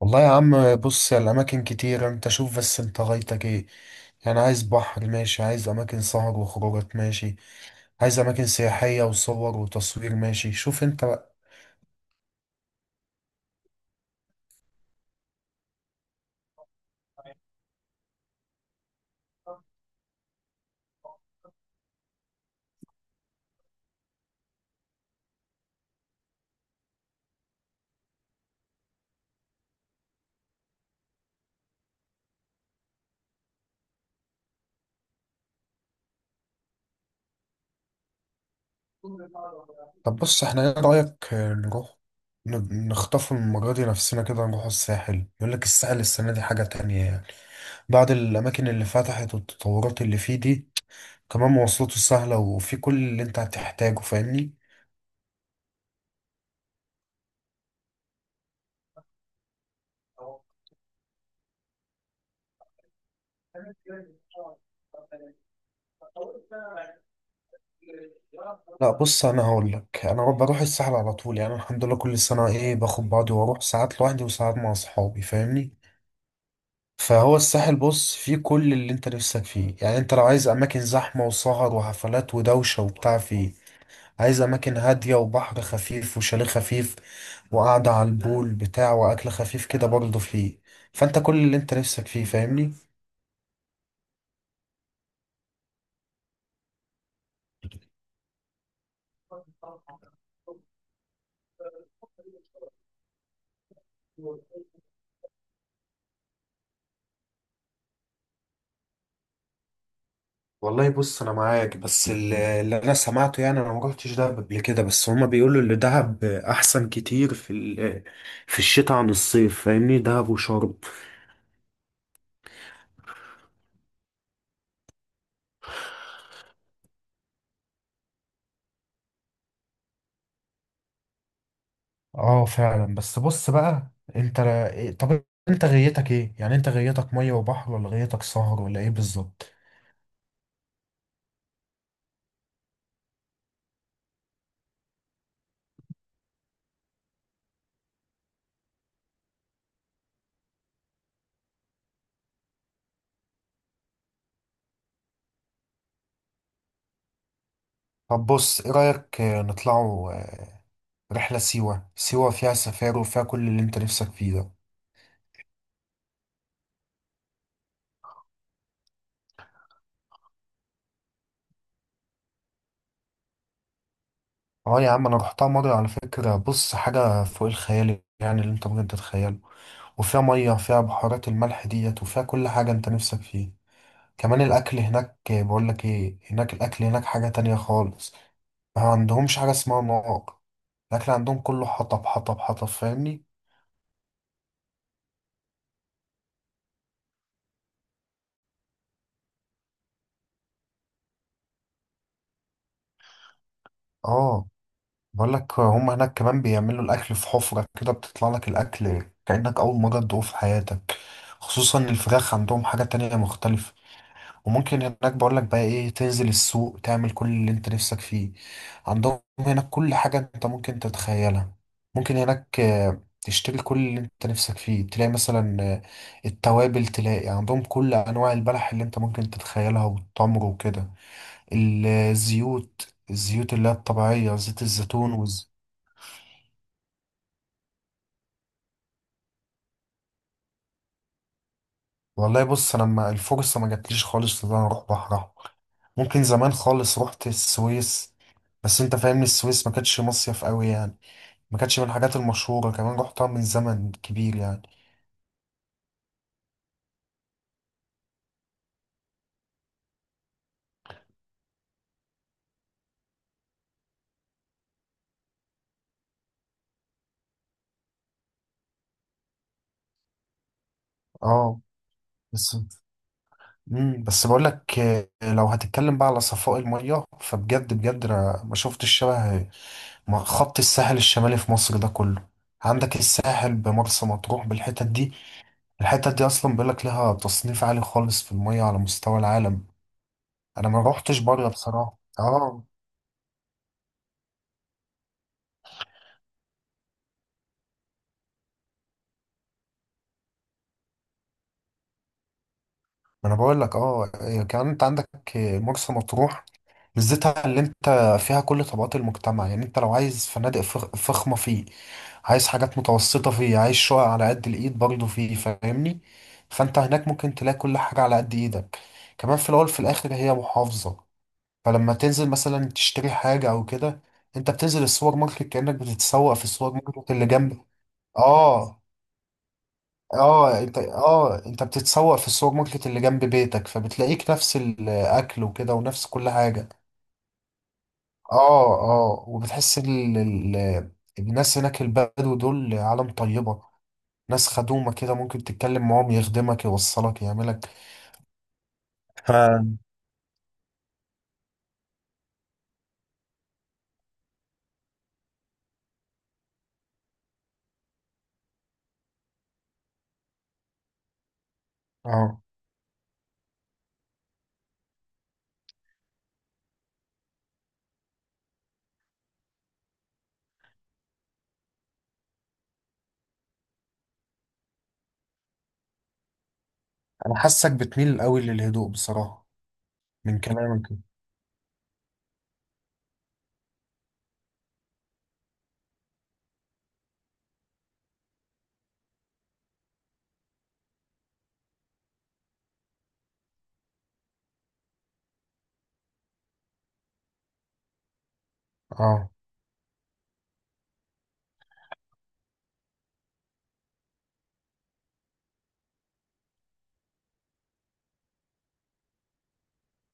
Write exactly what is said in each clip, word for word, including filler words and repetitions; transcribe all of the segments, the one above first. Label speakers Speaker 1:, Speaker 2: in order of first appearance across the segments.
Speaker 1: والله يا عم، بص يا الأماكن كتير. أنت شوف، بس أنت غايتك إيه يعني؟ عايز بحر؟ ماشي. عايز أماكن سهر وخروجات؟ ماشي. عايز أماكن سياحية وصور وتصوير؟ ماشي. شوف أنت بقى. طب بص، إحنا إيه رأيك نروح ن- نخطف المرة دي نفسنا كده، نروح الساحل. يقول لك الساحل السنة دي حاجة تانية يعني، بعد الأماكن اللي فتحت والتطورات اللي فيه دي. كمان مواصلاته سهلة وفي كل اللي أنت هتحتاجه، فاهمني؟ لا بص، انا هقول لك، انا بروح الساحل على طول يعني. الحمد لله كل سنه ايه باخد بعضي واروح، ساعات لوحدي وساعات مع اصحابي، فاهمني؟ فهو الساحل بص فيه كل اللي انت نفسك فيه. يعني انت لو عايز اماكن زحمه وسهر وحفلات ودوشه وبتاع فيه. عايز اماكن هاديه وبحر خفيف وشاليه خفيف وقعده على البول بتاع واكل خفيف كده برضه فيه. فانت كل اللي انت نفسك فيه، فاهمني؟ والله بص انا معاك، بس ال- اللي انا سمعته يعني، انا ما رحتش دهب قبل كده، بس هما بيقولوا ان دهب احسن كتير في ال- في الشتاء عن الصيف، فاهمني؟ دهب وشرم. اه فعلا. بس بص بقى انت، طب انت غيتك ايه؟ يعني انت غيتك ميه وبحر، ولا غيتك سهر، ولا ايه بالظبط؟ طب بص، ايه رأيك آه، نطلعوا آه، رحلة سيوة؟ سيوة فيها سفاري وفيها كل اللي انت نفسك فيه ده. اه يا عم، انا رحتها مره على فكره. بص، حاجه فوق الخيال يعني، اللي انت ممكن تتخيله. وفيها ميه، فيها بحارات الملح ديت، وفيها كل حاجه انت نفسك فيه. كمان الاكل هناك، بقول لك ايه، هناك الاكل هناك حاجه تانية خالص. ما عندهمش حاجه اسمها نار. الاكل عندهم كله حطب حطب حطب، فاهمني؟ اه، بقول لك هم هناك كمان بيعملوا الاكل في حفره كده، بتطلع لك الاكل كانك اول مره تدوقه في حياتك. خصوصا الفراخ، عندهم حاجه تانية مختلفه. وممكن هناك بقول لك بقى ايه، تنزل السوق تعمل كل اللي انت نفسك فيه. عندهم هناك كل حاجة انت ممكن تتخيلها. ممكن هناك آه، تشتري كل اللي انت نفسك فيه. تلاقي مثلا آه، التوابل، تلاقي عندهم كل انواع البلح اللي انت ممكن تتخيلها والتمر وكده. الزيوت، الزيوت اللي هي الطبيعية، زيت الزيتون والز... والله بص، انا ما الفرصة ما جاتليش خالص ان انا اروح بحر احمر. ممكن زمان خالص رحت السويس، بس انت فاهمني السويس ما كانتش مصيف قوي يعني. ما كانتش من الحاجات المشهورة، كمان رحتها من زمن كبير يعني. اه. بس امم بس بقول لك آه، لو هتتكلم بقى على صفاء المية، فبجد بجد انا ما شفتش الشبه مع خط الساحل الشمالي في مصر ده كله. عندك الساحل بمرسى مطروح بالحتت دي، الحتت دي اصلا بيقول لك لها تصنيف عالي خالص في المية على مستوى العالم. انا ما روحتش بره بصراحة. اه. ما انا بقول لك اه، إيه، كمان انت عندك مرسى مطروح. ميزتها اللي انت فيها كل طبقات المجتمع. يعني انت لو عايز فنادق فخ- فخمة فيه. عايز حاجات متوسطة فيه، عايز شقق على قد الايد برضه فيه، فاهمني؟ فانت هناك ممكن تلاقي كل حاجة على قد ايدك. كمان في الاول في الاخر هي محافظة، فلما تنزل مثلا تشتري حاجة او كده، انت بتنزل السوبر ماركت كأنك بتتسوق في السوبر ماركت اللي جنبك. اه. اه انت، اه انت بتتسوق في السوبر ماركت اللي جنب بيتك، فبتلاقيك نفس الاكل وكده ونفس كل حاجة. اه. اه وبتحس ال... ال... الناس هناك البدو دول عالم طيبة، ناس خدومة كده، ممكن تتكلم معاهم يخدمك يوصلك يعملك. ف اه. انا حاسك بتميل قوي للهدوء بصراحة من كلامك. اه.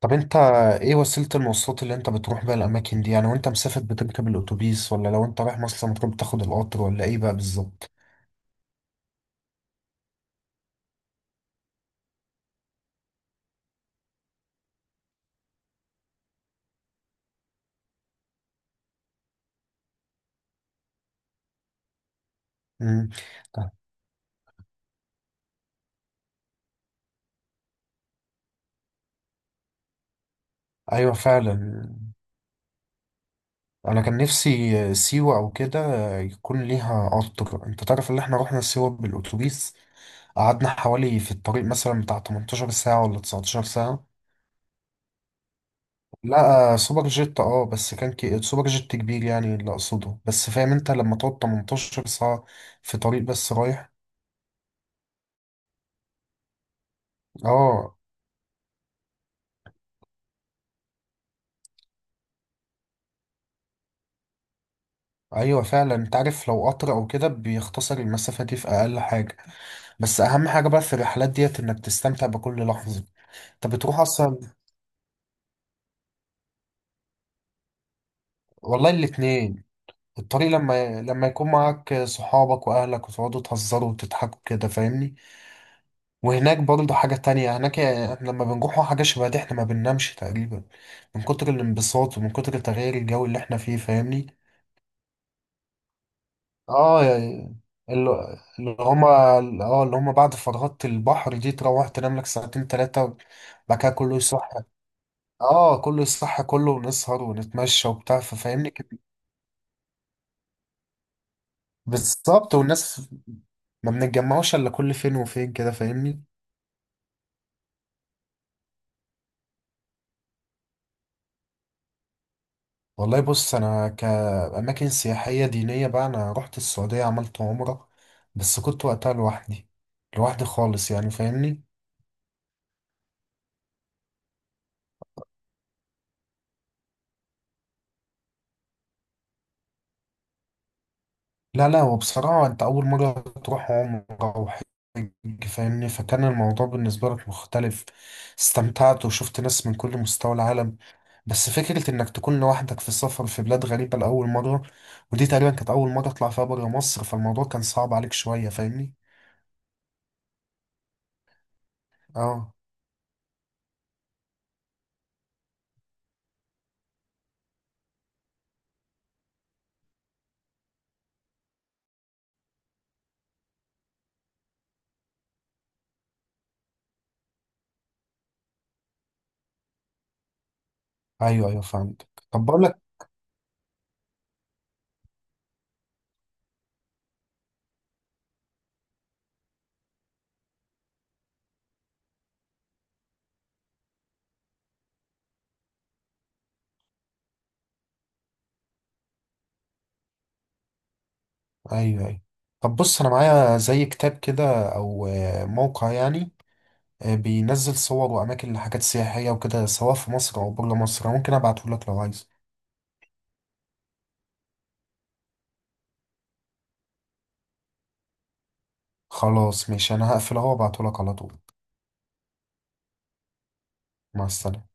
Speaker 1: طب انت ايه وسيلة المواصلات اللي انت بتروح بيها الاماكن دي؟ يعني وانت مسافر بتركب الاتوبيس، ولا لو انت رايح مرسى مطروح بتاخد القطر، ولا ايه بقى بالظبط؟ امم ايوه فعلا. انا كان نفسي سيوة او كده يكون ليها قطر. انت تعرف ان احنا رحنا سيوة بالاتوبيس، قعدنا حوالي في الطريق مثلا بتاع تمنتاشر ساعة ولا تسعتاشر ساعة. لا، سوبر جيت. اه، بس كان كي... سوبر جيت كبير يعني اللي اقصده، بس فاهم انت لما تقعد تمنتاشر ساعة في طريق بس رايح. اه. ايوه فعلا، انت عارف لو قطر او كده بيختصر المسافة دي في اقل حاجة. بس اهم حاجة بقى في الرحلات ديت انك تستمتع بكل لحظة. انت بتروح اصلا. والله الاتنين. الطريق لما لما يكون معاك صحابك واهلك وتقعدوا تهزروا وتضحكوا كده، فاهمني؟ وهناك برضه حاجة تانية، هناك احنا لما بنروحوا حاجة شبه دي احنا ما بننامش تقريبا من كتر الانبساط ومن كتر تغيير الجو اللي احنا فيه، فاهمني؟ اه يعني، اللي اللي هما اه اللي هما بعد فرهدة البحر دي تروح تنام لك ساعتين تلاتة. بعد كده كله يصح. اه كله يصح كله، ونسهر ونتمشى وبتاع، فاهمني كده؟ بالظبط. والناس ما بنتجمعوش الا كل فين وفين كده، فاهمني؟ والله بص، انا كاماكن سياحيه دينيه بقى، انا رحت السعوديه عملت عمره، بس كنت وقتها لوحدي، لوحدي خالص يعني، فاهمني؟ لا لا، وبصراحه انت اول مره تروح عمره وحج، فاهمني؟ فكان الموضوع بالنسبه لك مختلف. استمتعت وشفت ناس من كل مستوى العالم. بس فكره انك تكون لوحدك في السفر في بلاد غريبه لاول مره، ودي تقريبا كانت اول مره اطلع فيها بره مصر، فالموضوع كان صعب عليك شويه، فاهمني؟ اه. ايوه ايوه، فهمت. طب بقول لك، ايوه ايوه. طب بص، انا معايا زي كتاب كده او آه، موقع يعني، آه، بينزل صور واماكن لحاجات سياحيه وكده، سواء في مصر او بره مصر. ممكن ابعته لك لو عايز. خلاص ماشي، انا هقفل اهو وابعته لك على طول. مع السلامه.